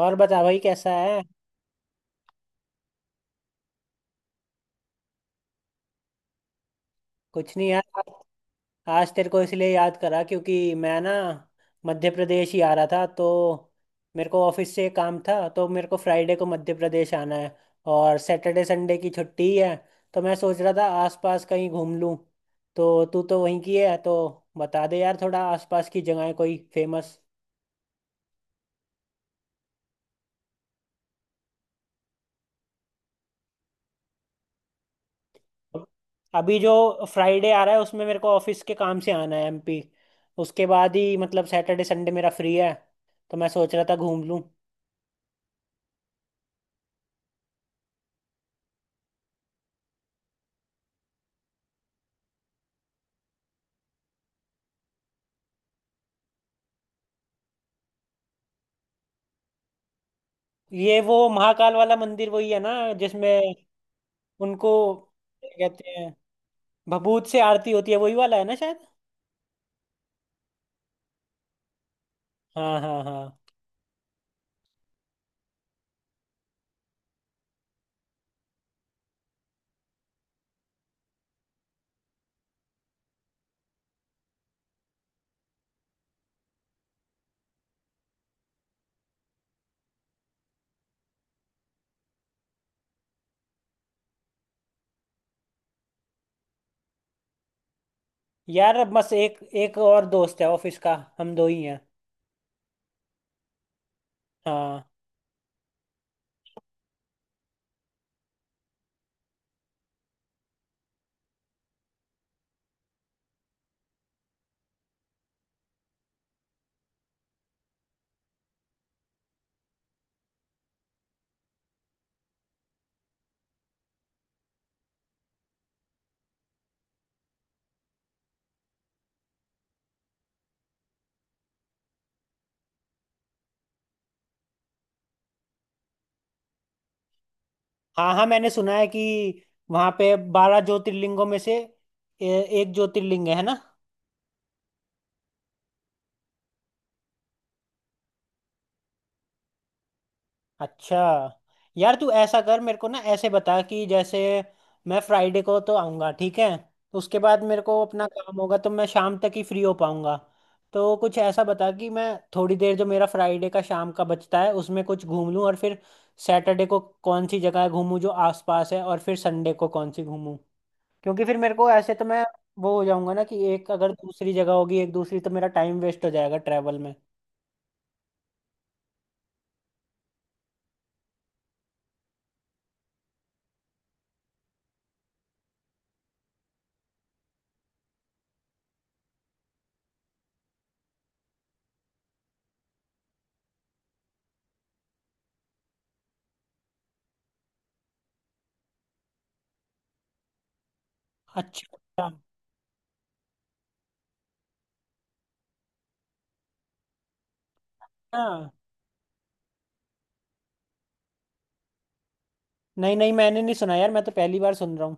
और बता भाई कैसा है। कुछ नहीं यार। आज तेरे को इसलिए याद करा क्योंकि मैं ना मध्य प्रदेश ही आ रहा था तो मेरे को ऑफिस से काम था तो मेरे को फ्राइडे को मध्य प्रदेश आना है और सैटरडे संडे की छुट्टी है। तो मैं सोच रहा था आसपास कहीं घूम लूं। तो तू तो वहीं की है तो बता दे यार थोड़ा आसपास की जगह कोई फेमस। अभी जो फ्राइडे आ रहा है उसमें मेरे को ऑफिस के काम से आना है एमपी। उसके बाद ही मतलब सैटरडे संडे मेरा फ्री है तो मैं सोच रहा था घूम लूं। ये वो महाकाल वाला मंदिर वही है ना जिसमें उनको क्या कहते हैं भभूत से आरती होती है वही वाला है ना शायद। हाँ हाँ हाँ। यार अब बस एक एक और दोस्त है ऑफिस का, हम दो ही हैं। हाँ हाँ हाँ। मैंने सुना है कि वहां पे 12 ज्योतिर्लिंगों में से ए, एक ज्योतिर्लिंग है ना। अच्छा। यार तू ऐसा कर मेरे को ना ऐसे बता कि जैसे मैं फ्राइडे को तो आऊँगा ठीक है। उसके बाद मेरे को अपना काम होगा तो मैं शाम तक ही फ्री हो पाऊँगा। तो कुछ ऐसा बता कि मैं थोड़ी देर जो मेरा फ्राइडे का शाम का बचता है उसमें कुछ घूम लूँ और फिर सैटरडे को कौन सी जगह घूमूँ जो आसपास है और फिर संडे को कौन सी घूमूँ। क्योंकि फिर मेरे को ऐसे तो मैं वो हो जाऊँगा ना कि एक अगर दूसरी जगह होगी एक दूसरी तो मेरा टाइम वेस्ट हो जाएगा ट्रैवल में। अच्छा अच्छा। नहीं नहीं मैंने नहीं सुना यार मैं तो पहली बार सुन रहा हूँ।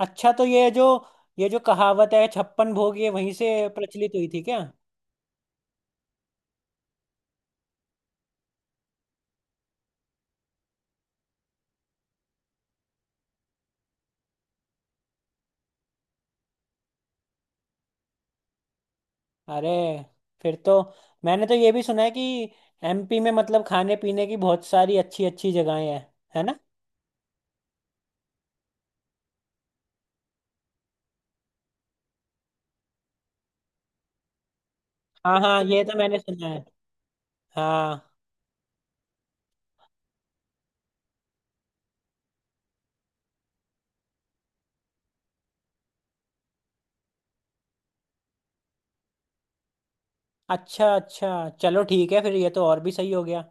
अच्छा तो ये जो कहावत है छप्पन भोग ये वहीं से प्रचलित हुई थी क्या। अरे फिर तो मैंने तो ये भी सुना है कि एमपी में मतलब खाने पीने की बहुत सारी अच्छी अच्छी जगहें हैं, है ना। हाँ हाँ ये तो मैंने सुना है। हाँ। अच्छा अच्छा चलो ठीक है फिर ये तो और भी सही हो गया।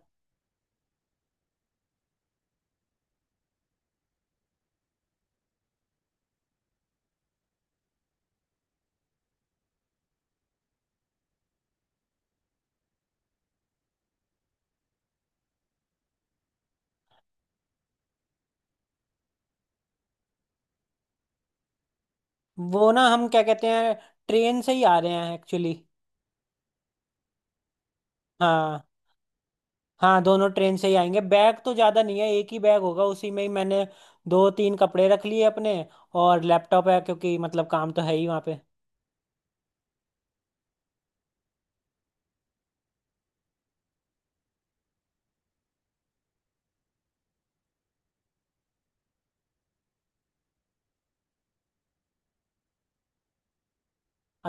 वो ना हम क्या कहते हैं ट्रेन से ही आ रहे हैं एक्चुअली। हाँ। हाँ दोनों ट्रेन से ही आएंगे, बैग तो ज़्यादा नहीं है, एक ही बैग होगा उसी में ही मैंने दो तीन कपड़े रख लिए अपने और लैपटॉप है क्योंकि मतलब काम तो है ही वहाँ पे।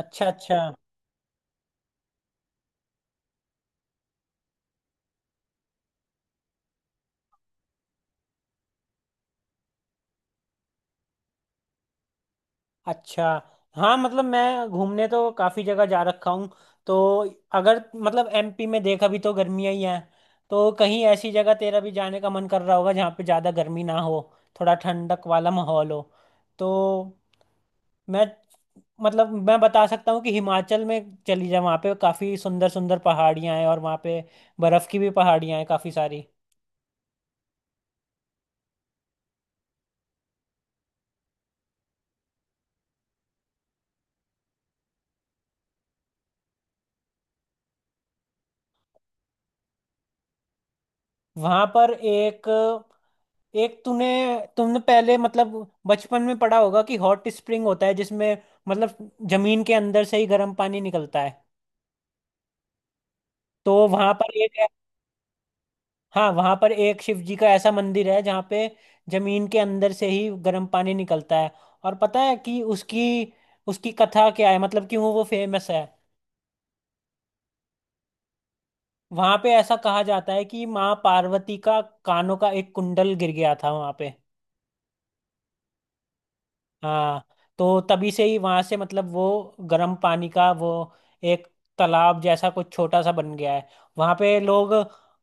अच्छा अच्छा अच्छा। हाँ मतलब मैं घूमने तो काफ़ी जगह जा रखा हूँ तो अगर मतलब एमपी में देखा भी तो गर्मियाँ ही हैं तो कहीं ऐसी जगह तेरा भी जाने का मन कर रहा होगा जहाँ पे ज़्यादा गर्मी ना हो थोड़ा ठंडक वाला माहौल हो। तो मैं मतलब मैं बता सकता हूँ कि हिमाचल में चली जा वहाँ पे काफ़ी सुंदर सुंदर पहाड़ियाँ हैं और वहाँ पे बर्फ़ की भी पहाड़ियाँ हैं काफ़ी सारी। वहाँ पर एक, एक तूने तुमने पहले मतलब बचपन में पढ़ा होगा कि हॉट स्प्रिंग होता है जिसमें मतलब जमीन के अंदर से ही गर्म पानी निकलता है। तो वहाँ पर एक, हाँ, वहाँ पर एक शिव जी का ऐसा मंदिर है जहाँ पे जमीन के अंदर से ही गर्म पानी निकलता है। और पता है कि उसकी उसकी कथा क्या है मतलब क्यों वो फेमस है। वहां पे ऐसा कहा जाता है कि माँ पार्वती का कानों का एक कुंडल गिर गया था वहां पे। हाँ। तो तभी से ही वहां से मतलब वो गर्म पानी का वो एक तालाब जैसा कुछ छोटा सा बन गया है। वहां पे लोग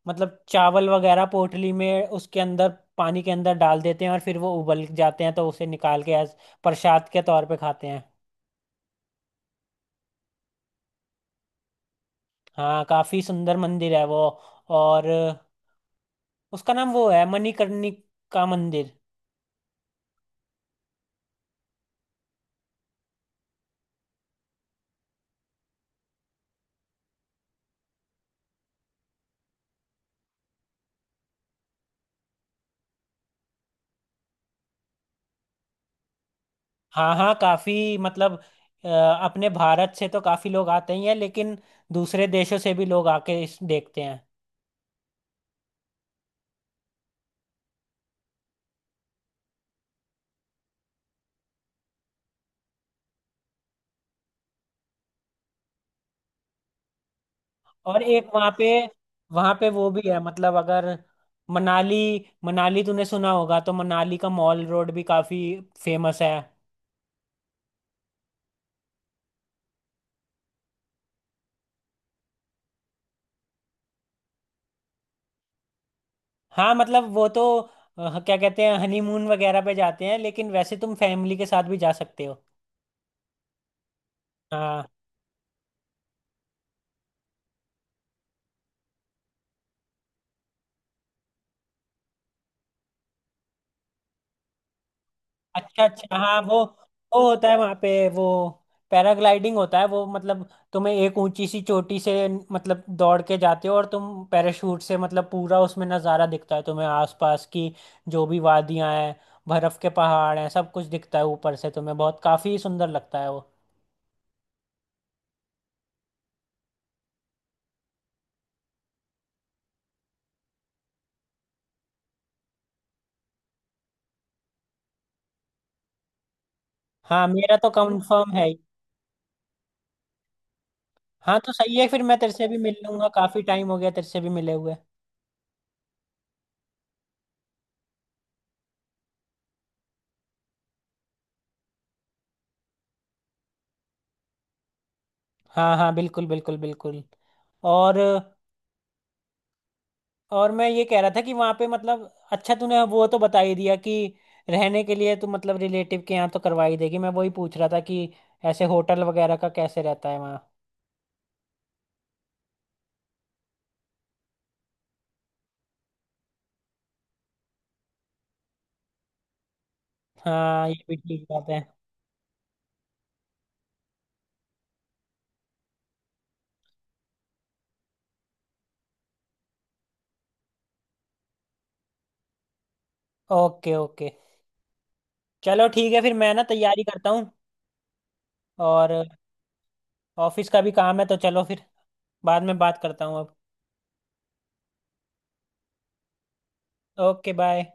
मतलब चावल वगैरह पोटली में उसके अंदर पानी के अंदर डाल देते हैं और फिर वो उबल जाते हैं तो उसे निकाल के एज प्रसाद के तौर पे खाते हैं। हाँ काफी सुंदर मंदिर है वो और उसका नाम वो है मणिकर्णिका मंदिर। हाँ हाँ काफी मतलब अपने भारत से तो काफी लोग आते ही हैं लेकिन दूसरे देशों से भी लोग आके इस देखते हैं। और एक वहाँ पे वो भी है मतलब अगर मनाली मनाली तूने सुना होगा तो मनाली का मॉल रोड भी काफी फेमस है। हाँ मतलब वो तो क्या कहते हैं हनीमून वगैरह पे जाते हैं लेकिन वैसे तुम फैमिली के साथ भी जा सकते हो। हाँ। अच्छा अच्छा हाँ वो होता है वहाँ पे वो पैराग्लाइडिंग होता है वो मतलब तुम्हें एक ऊंची सी चोटी से मतलब दौड़ के जाते हो और तुम पैराशूट से मतलब पूरा उसमें नज़ारा दिखता है तुम्हें आसपास की जो भी वादियाँ हैं बर्फ के पहाड़ हैं सब कुछ दिखता है ऊपर से तुम्हें बहुत काफ़ी सुंदर लगता है वो। हाँ मेरा तो कंफर्म है ही। हाँ तो सही है फिर मैं तेरे से भी मिल लूंगा काफ़ी टाइम हो गया तेरे से भी मिले हुए। हाँ हाँ बिल्कुल बिल्कुल बिल्कुल। और और मैं ये कह रहा था कि वहां पे मतलब अच्छा तूने वो तो बता ही दिया कि रहने के लिए तू मतलब रिलेटिव के यहाँ तो करवा ही देगी मैं वही पूछ रहा था कि ऐसे होटल वगैरह का कैसे रहता है वहाँ। हाँ ये भी ठीक बात है। Okay okay. चलो ठीक है फिर मैं ना तैयारी करता हूँ और ऑफिस का भी काम है तो चलो फिर बाद में बात करता हूँ अब। Okay bye.